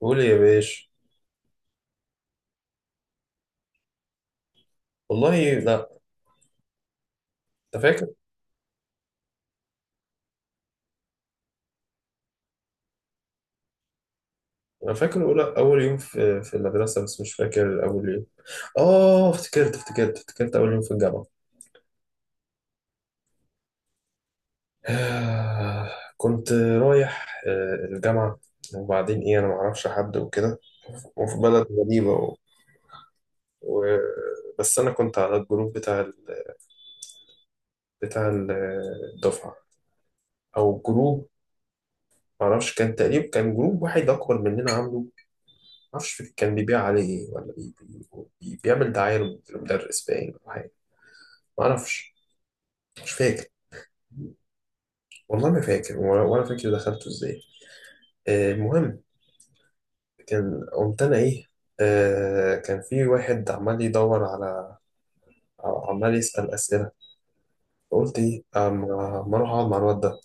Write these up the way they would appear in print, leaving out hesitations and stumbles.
قول يا باشا. والله لا. انت فاكر؟ انا فاكر اول يوم في المدرسه، بس مش فاكر اول يوم. اه، افتكرت اول يوم في الجامعه. آه، كنت رايح الجامعه، وبعدين ايه انا ما اعرفش حد وكده، وفي بلد غريبه و... بس انا كنت على الجروب بتاع ال- الدفعه، او جروب. ما اعرفش، كان تقريبا كان جروب واحد اكبر مننا عامله، معرفش كان بيبيع عليه ايه، ولا بي بيعمل دعاية للمدرس باين، ولا حاجة معرفش. مش فاكر، والله ما فاكر، ولا فاكر دخلته ازاي. آه، المهم. كان قمت انا ايه، آه، كان في واحد عمال يدور على، عمال يسأل أسئلة. فقلت ايه، أما اروح اقعد مع الواد ده.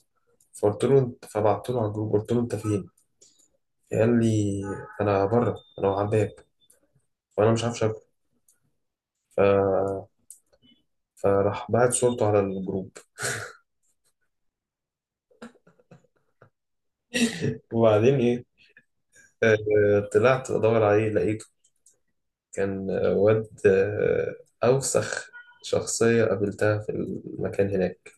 فقلت له انت، فبعت له على الجروب، قلت له انت فين؟ قال لي انا بره، انا على الباب، وانا مش عارف شكله. ف... فراح بعت صورته على الجروب. وبعدين إيه، آه، طلعت أدور عليه لقيته، كان واد أوسخ شخصية قابلتها في المكان هناك.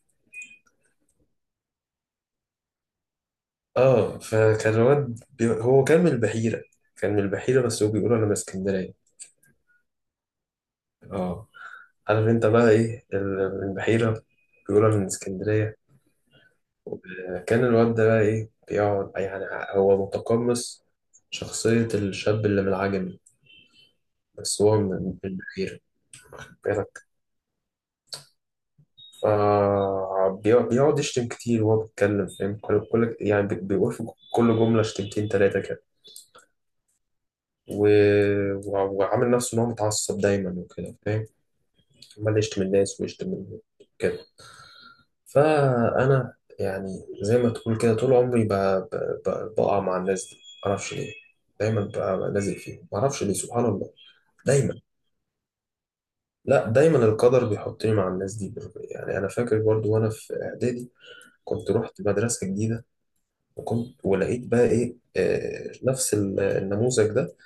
اه، فكان واد هو كان من البحيرة، كان من البحيرة بس هو بيقول أنا من اسكندرية. اه، عارف انت بقى ايه من البحيرة بيقول أنا من اسكندرية. آه، كان الواد ده بقى ايه بيقعد يعني، هو متقمص شخصية الشاب اللي من العجمي، بس هو من البحيرة. فبيقعد يشتم كتير وهو بيتكلم، فاهم، يعني بيقول في كل جملة شتمتين تلاتة كده. و... وعامل نفسه إن هو متعصب دايما وكده، فاهم. عمال يشتم الناس، ويشتم كده. فأنا يعني، زي ما تقول كده طول عمري بقع مع الناس دي، معرفش ليه. دايما بقى لازق فيهم، معرفش ليه، سبحان الله. دايما، لا دايما القدر بيحطني مع الناس دي. يعني أنا فاكر برضو وأنا في إعدادي كنت رحت مدرسة جديدة، وكنت ولقيت بقى ايه، آه، نفس النموذج ده.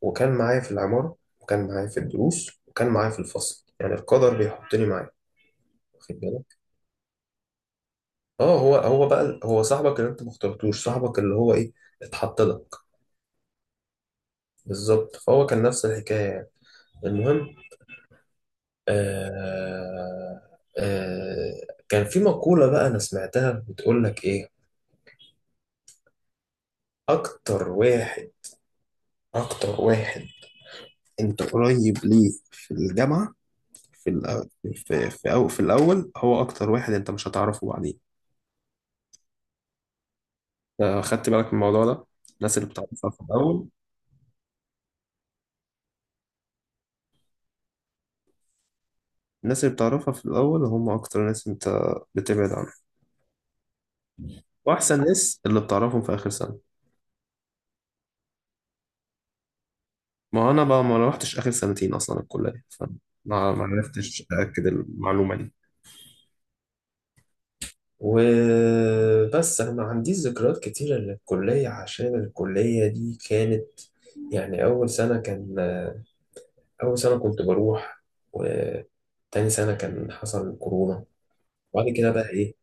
وكان معايا في العمارة، وكان معايا في الدروس، وكان معايا في الفصل. يعني القدر بيحطني معاه، واخد بالك. اه، هو بقى هو صاحبك اللي انت ما اخترتوش، صاحبك اللي هو ايه، اتحط لك. بالظبط، فهو كان نفس الحكاية يعني. المهم، آه آه، كان في مقولة بقى انا سمعتها بتقول لك ايه. اكتر واحد، اكتر واحد انت قريب ليه في الجامعة في الأول، في الأول هو أكتر واحد أنت مش هتعرفه بعدين. آه، خدت بالك من الموضوع ده؟ الناس اللي بتعرفها في الأول، الناس اللي بتعرفها في الأول هم أكتر ناس أنت بتبعد عنهم. وأحسن ناس اللي بتعرفهم في آخر سنة. ما هو أنا بقى ما روحتش آخر سنتين أصلا الكلية، فما ما عرفتش أأكد المعلومة دي. وبس انا ما عنديش ذكريات كتيرة للكلية، عشان الكلية دي كانت يعني اول سنة كان أول سنة كنت بروح، وتاني سنة كان حصل كورونا، وبعد كده بقى إيه،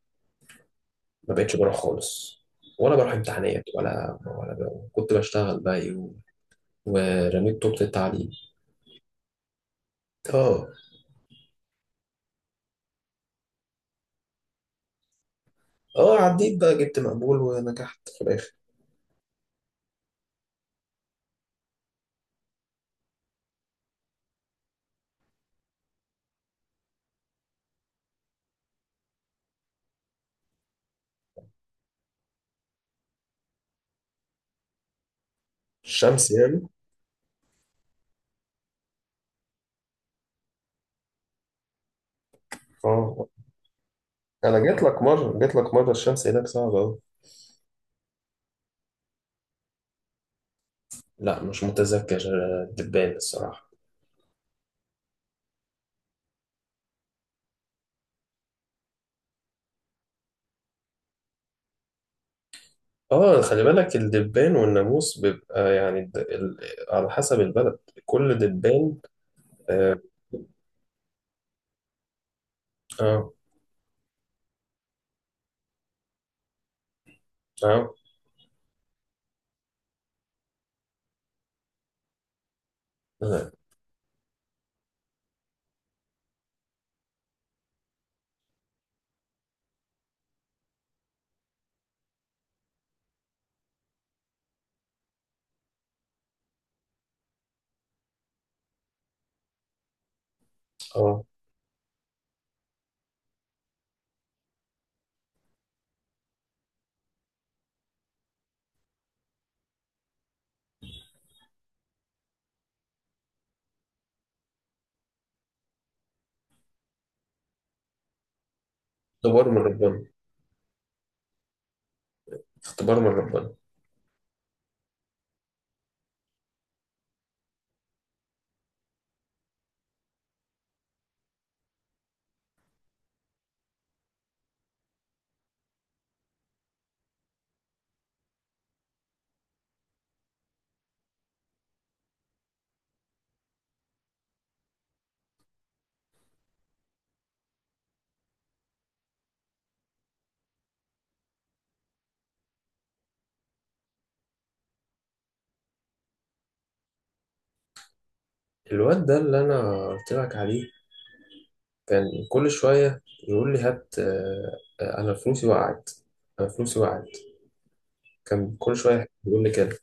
ما بقتش بروح خالص، ولا بروح امتحانات، ولا بقى. كنت بشتغل بقى إيه ورميت طوبة التعليم. آه، آه، عديت بقى جبت مقبول ونجحت في الآخر. الشمس يعني. آه، أنا جيت لك مرة الشمس هناك صعبة أوي. لا مش متذكر الدبان الصراحة. آه، خلي بالك الدبان والناموس بيبقى يعني على حسب البلد، كل دبان. آه، اه، اه، اه، آه. اختبار من ربنا. اختبار من ربنا. الواد ده اللي انا قلت لك عليه كان كل شويه يقول لي هات، آه، آه، انا فلوسي وقعت، انا فلوسي وقعت. كان كل شويه يقول لي كده.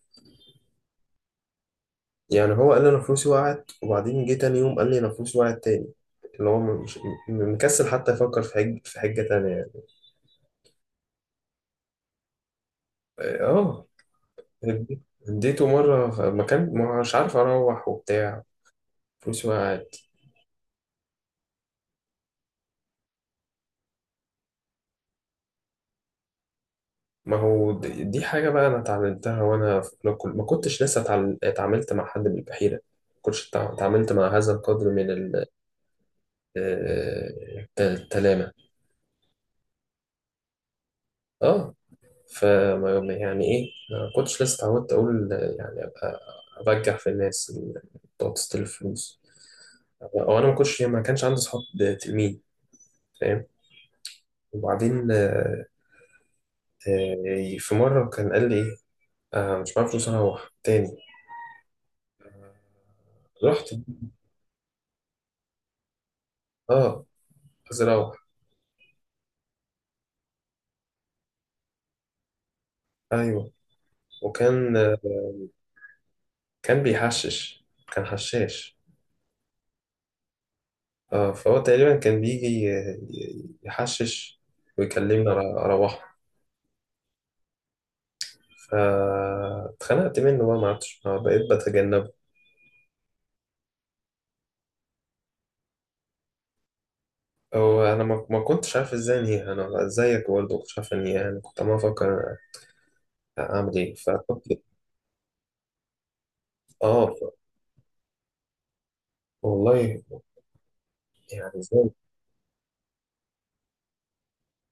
يعني هو قال لي انا فلوسي وقعت، وبعدين جه تاني يوم قال لي انا فلوسي وقعت تاني. اللي هو مش مكسل حتى يفكر في حجه تانيه يعني. اه، اديته مره مكان مش عارف اروح وبتاع، فلوسي وقعت. ما هو دي حاجة بقى أنا اتعلمتها وأنا في أولى، كل ما كنتش لسه اتعاملت مع حد بالبحيرة. ما كنتش اتعاملت مع هذا القدر من آه، التلامة. اه، فما يعني إيه، ما كنتش لسه اتعودت أقول يعني أبقى أبجح في الناس اللي بتقعد تستلف فلوس. أو أنا ما كانش عندي صحاب تلميذ، فاهم. وبعدين آه، في مرة كان قال لي إيه، آه، مش معايا فلوس أروح تاني. رحت، اه، عايز أروح. ايوه، وكان، كان بيحشش، كان حشاش. اه، فهو تقريبا كان بيجي يحشش ويكلمني اروحه. فاتخنقت منه بقى، ما عرفتش، ما بقيت بتجنبه. هو انا ما كنتش عارف ازاي انهيها، انا زيك برضه ما كنتش عارف انهيها. انا كنت عمال افكر اعمل ايه، فكنت. اه، والله. يعني ازاي،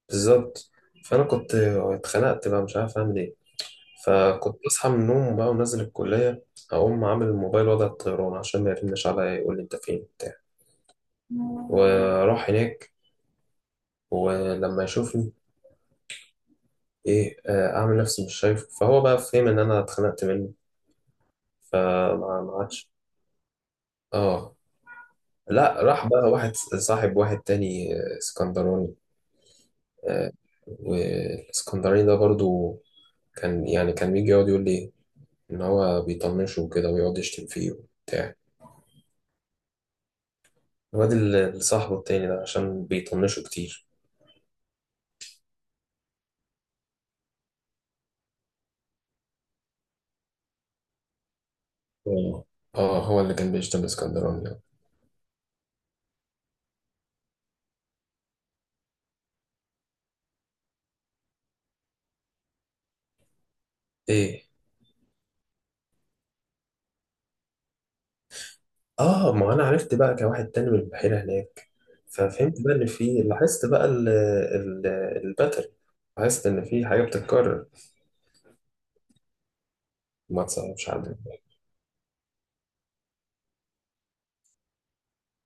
بالظبط. فانا كنت اتخنقت بقى مش عارف اعمل ايه. فكنت أصحى من النوم بقى ونازل الكلية، أقوم عامل الموبايل وضع الطيران عشان ما يرنش عليا يقول لي أنت فين بتاع. وأروح هناك، ولما يشوفني إيه، آه، أعمل نفسي مش شايفه. فهو بقى فهم إن أنا اتخنقت منه، فما ما عادش. آه، لا راح بقى واحد صاحب واحد تاني، آه، اسكندراني. آه، والاسكندراني ده برضو كان يعني كان بيجي يقعد يقول لي إن هو بيطنشه وكده، ويقعد يشتم فيه وبتاع. الواد اللي صاحبه التاني ده عشان بيطنشوا كتير. اه، آه، هو اللي كان بيشتغل اسكندراني ده. ايه، اه، ما انا عرفت بقى كواحد تاني من البحيرة هناك، ففهمت بقى ان في، لاحظت بقى الباترن، لاحظت ان في حاجة بتتكرر. ما تصعبش عليا.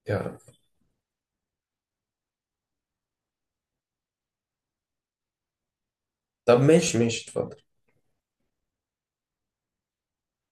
يا رب. طب ماشي، ماشي، اتفضل.